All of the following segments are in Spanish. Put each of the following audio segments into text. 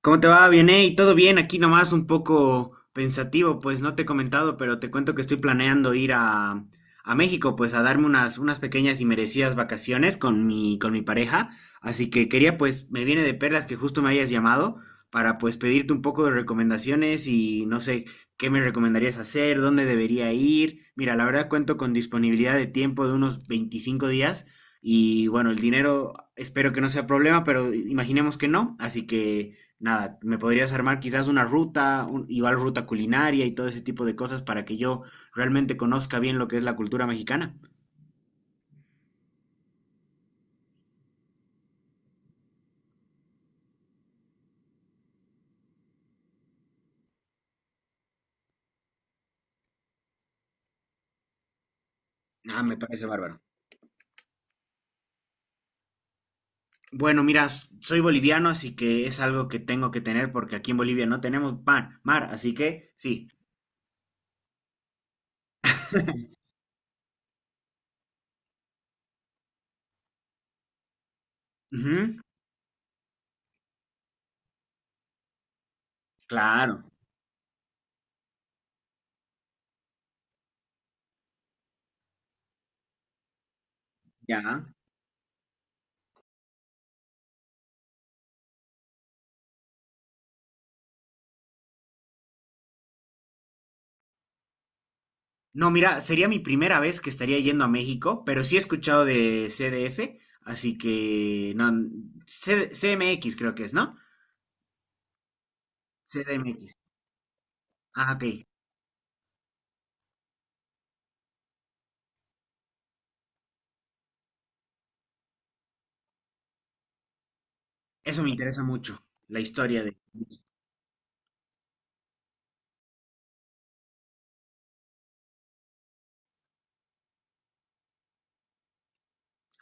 ¿Cómo te va? Bien, hey, todo bien, aquí nomás un poco pensativo, pues no te he comentado, pero te cuento que estoy planeando ir a México, pues a darme unas pequeñas y merecidas vacaciones con mi pareja, así que quería, pues, me viene de perlas que justo me hayas llamado para, pues, pedirte un poco de recomendaciones y no sé, qué me recomendarías hacer, dónde debería ir. Mira, la verdad cuento con disponibilidad de tiempo de unos 25 días y bueno, el dinero espero que no sea problema, pero imaginemos que no, así que nada, me podrías armar quizás una ruta, igual ruta culinaria y todo ese tipo de cosas para que yo realmente conozca bien lo que es la cultura mexicana. Ah, me parece bárbaro. Bueno, mira, soy boliviano, así que es algo que tengo que tener porque aquí en Bolivia no tenemos pan, mar, así que sí. Ujú, claro, ya. No, mira, sería mi primera vez que estaría yendo a México, pero sí he escuchado de CDF, así que no, CMX creo que es, ¿no? CDMX. Ah, ok. Eso me interesa mucho, la historia de...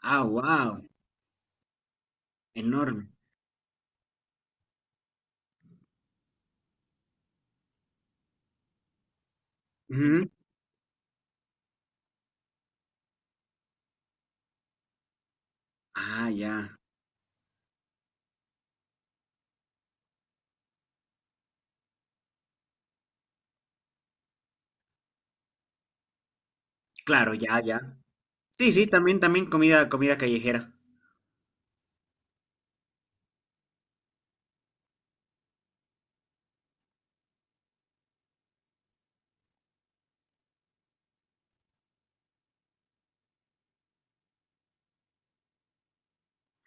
Ah, wow, enorme. Ujú. Ah, ya. Claro, ya, ya. Sí, sí, también, también comida callejera.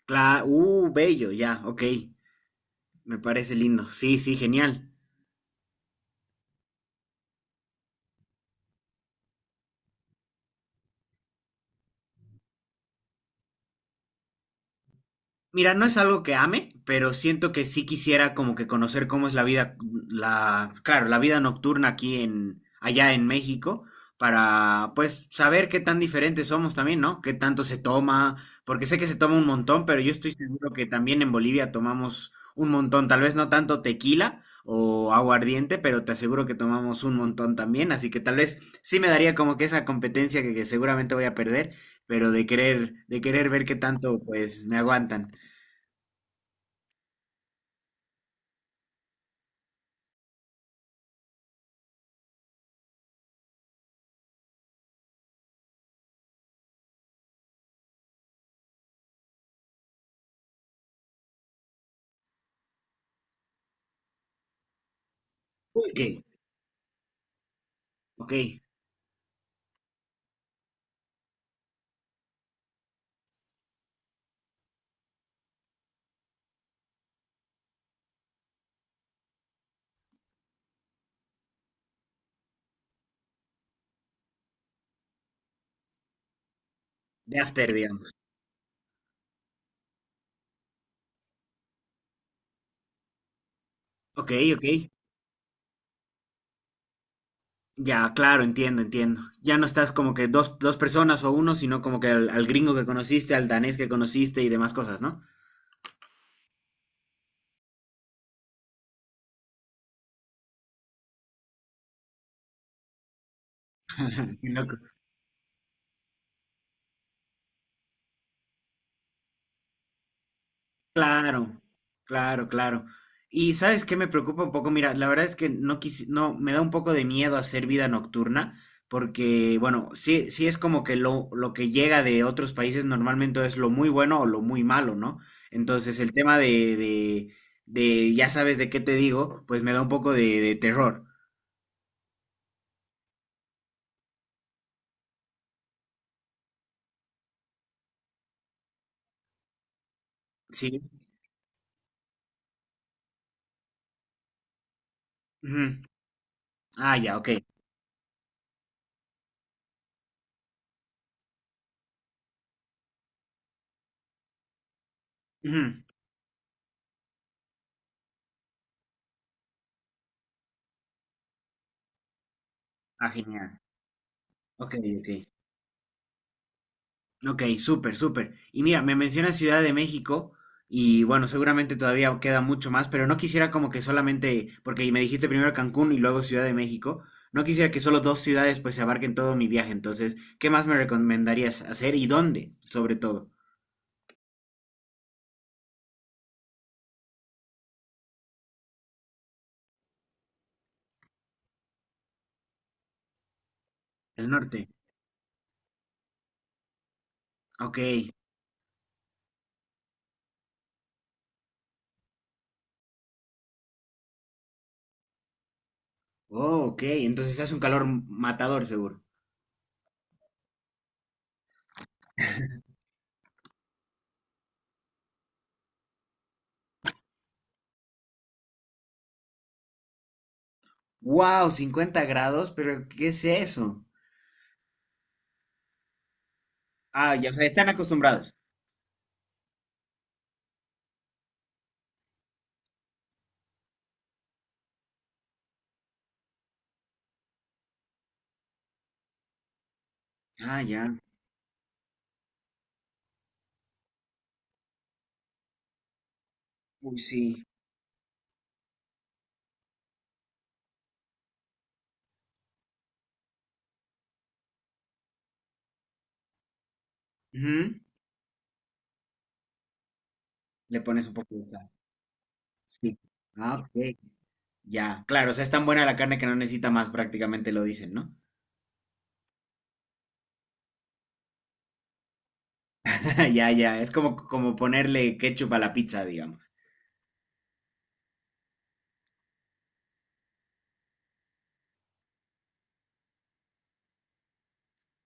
Claro, bello, ya, ok. Me parece lindo. Sí, sí, genial. Mira, no es algo que ame, pero siento que sí quisiera como que conocer cómo es la vida, la, claro, la vida nocturna aquí allá en México, para pues saber qué tan diferentes somos también, ¿no? Qué tanto se toma, porque sé que se toma un montón, pero yo estoy seguro que también en Bolivia tomamos un montón, tal vez no tanto tequila o aguardiente, pero te aseguro que tomamos un montón también, así que tal vez sí me daría como que esa competencia que seguramente voy a perder, pero de querer ver qué tanto pues me aguantan. Ok, ok, de after, digamos. Ok, ok, ya, claro, entiendo, entiendo. Ya no estás como que dos personas o uno, sino como que al gringo que conociste, al danés que conociste y demás cosas, ¿no? Qué loco. Claro, claro, claro. Y sabes qué me preocupa un poco, mira, la verdad es que no quisi- no, me da un poco de miedo hacer vida nocturna, porque bueno, sí, sí es como que lo que llega de otros países normalmente es lo muy bueno o lo muy malo, ¿no? Entonces el tema de ya sabes de qué te digo, pues me da un poco de terror. Sí. Ujú. Ah, ya, ok. Ujú. Ah, genial. Ok, ok. Ok, súper, súper. Y mira, me mencionas Ciudad de México y bueno, seguramente todavía queda mucho más, pero no quisiera como que solamente, porque me dijiste primero Cancún y luego Ciudad de México, no quisiera que solo dos ciudades pues se abarquen todo mi viaje. Entonces, ¿qué más me recomendarías hacer y dónde, sobre todo? El norte. Ok. Oh, ok. Entonces hace un calor matador, seguro. Wow, 50 grados, pero ¿qué es eso? Ah, ya, o sea, están acostumbrados. Ah, ya. Uy, sí. Ujú. Le pones un poco de sal. Sí. Ah, ok. Ya, claro, o sea, es tan buena la carne que no necesita más, prácticamente lo dicen, ¿no? Ya, ya, es como ponerle ketchup a la pizza, digamos.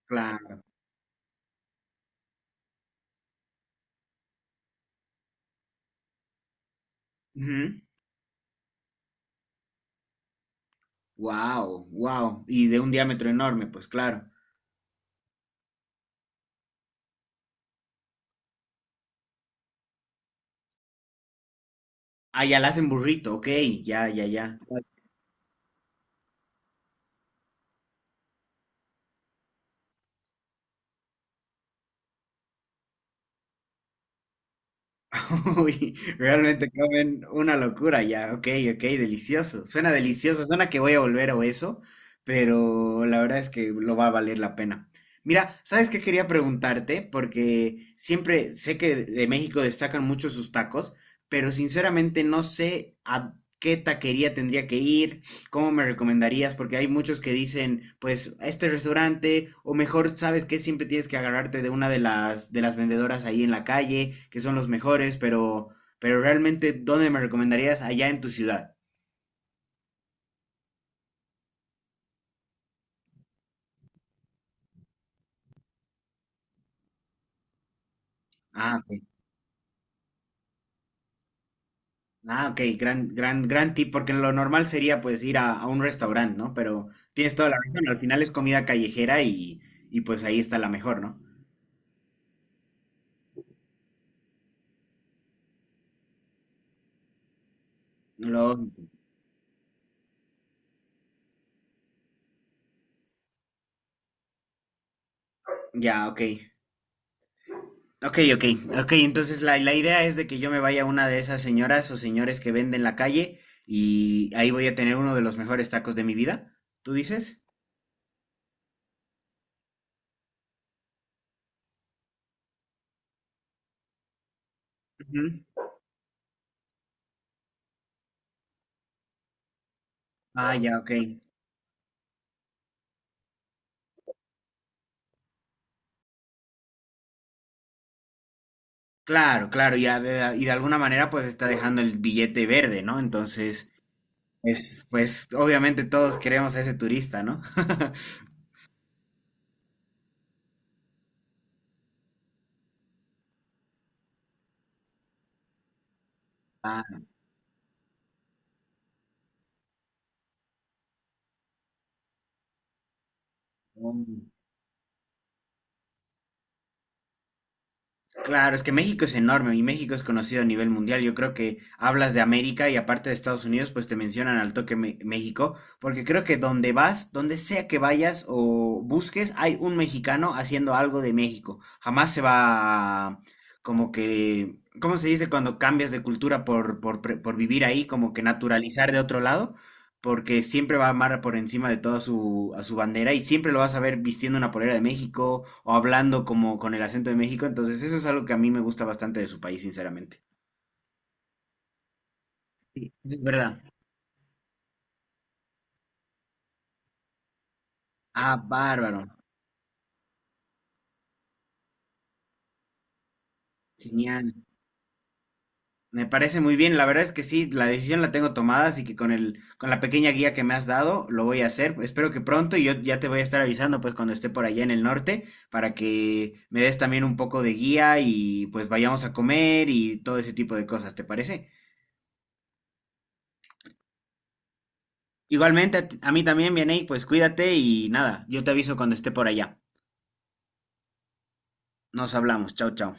Claro. Wow, wow. Y de un diámetro enorme, pues claro. Ah, ya la hacen burrito, ok, ya, ya, ya. Uy, realmente comen una locura ya, ok, ok, delicioso. Suena delicioso, suena que voy a volver o eso, pero la verdad es que lo va a valer la pena. Mira, ¿sabes qué quería preguntarte? Porque siempre sé que de México destacan mucho sus tacos, pero sinceramente no sé a qué taquería tendría que ir. ¿Cómo me recomendarías? Porque hay muchos que dicen, pues, a este restaurante, o mejor, ¿sabes? Que siempre tienes que agarrarte de una de las vendedoras ahí en la calle, que son los mejores, pero realmente, ¿dónde me recomendarías? Allá en tu ciudad. Ah, ok. Ah, ok, gran, gran, gran tip, porque lo normal sería pues ir a un restaurante, ¿no? Pero tienes toda la razón, al final es comida callejera y pues ahí está la mejor, ¿no? Lo, ya, ok. Ok, ok, ok. Entonces la idea es de que yo me vaya a una de esas señoras o señores que venden en la calle y ahí voy a tener uno de los mejores tacos de mi vida. ¿Tú dices? Ujú. Ah, ya, ok. Claro, claro. Y de alguna manera pues está dejando el billete verde, ¿no? Entonces, es, pues obviamente todos queremos a ese turista, ¿no? Ah, no. Claro, es que México es enorme y México es conocido a nivel mundial. Yo creo que hablas de América y aparte de Estados Unidos, pues te mencionan al toque México, porque creo que donde vas, donde sea que vayas o busques, hay un mexicano haciendo algo de México. Jamás se va a... como que, ¿cómo se dice cuando cambias de cultura por vivir ahí, como que naturalizar de otro lado? Porque siempre va a amar por encima de toda su, a su bandera y siempre lo vas a ver vistiendo una polera de México o hablando como con el acento de México. Entonces, eso es algo que a mí me gusta bastante de su país, sinceramente. Es verdad. Ah, bárbaro. Genial. Me parece muy bien. La verdad es que sí, la decisión la tengo tomada, así que con el, con la pequeña guía que me has dado, lo voy a hacer. Espero que pronto y yo ya te voy a estar avisando, pues, cuando esté por allá en el norte, para que me des también un poco de guía y pues vayamos a comer y todo ese tipo de cosas, ¿te parece? Igualmente, a, a mí también, Vianey, pues cuídate y nada, yo te aviso cuando esté por allá. Nos hablamos, chao, chao.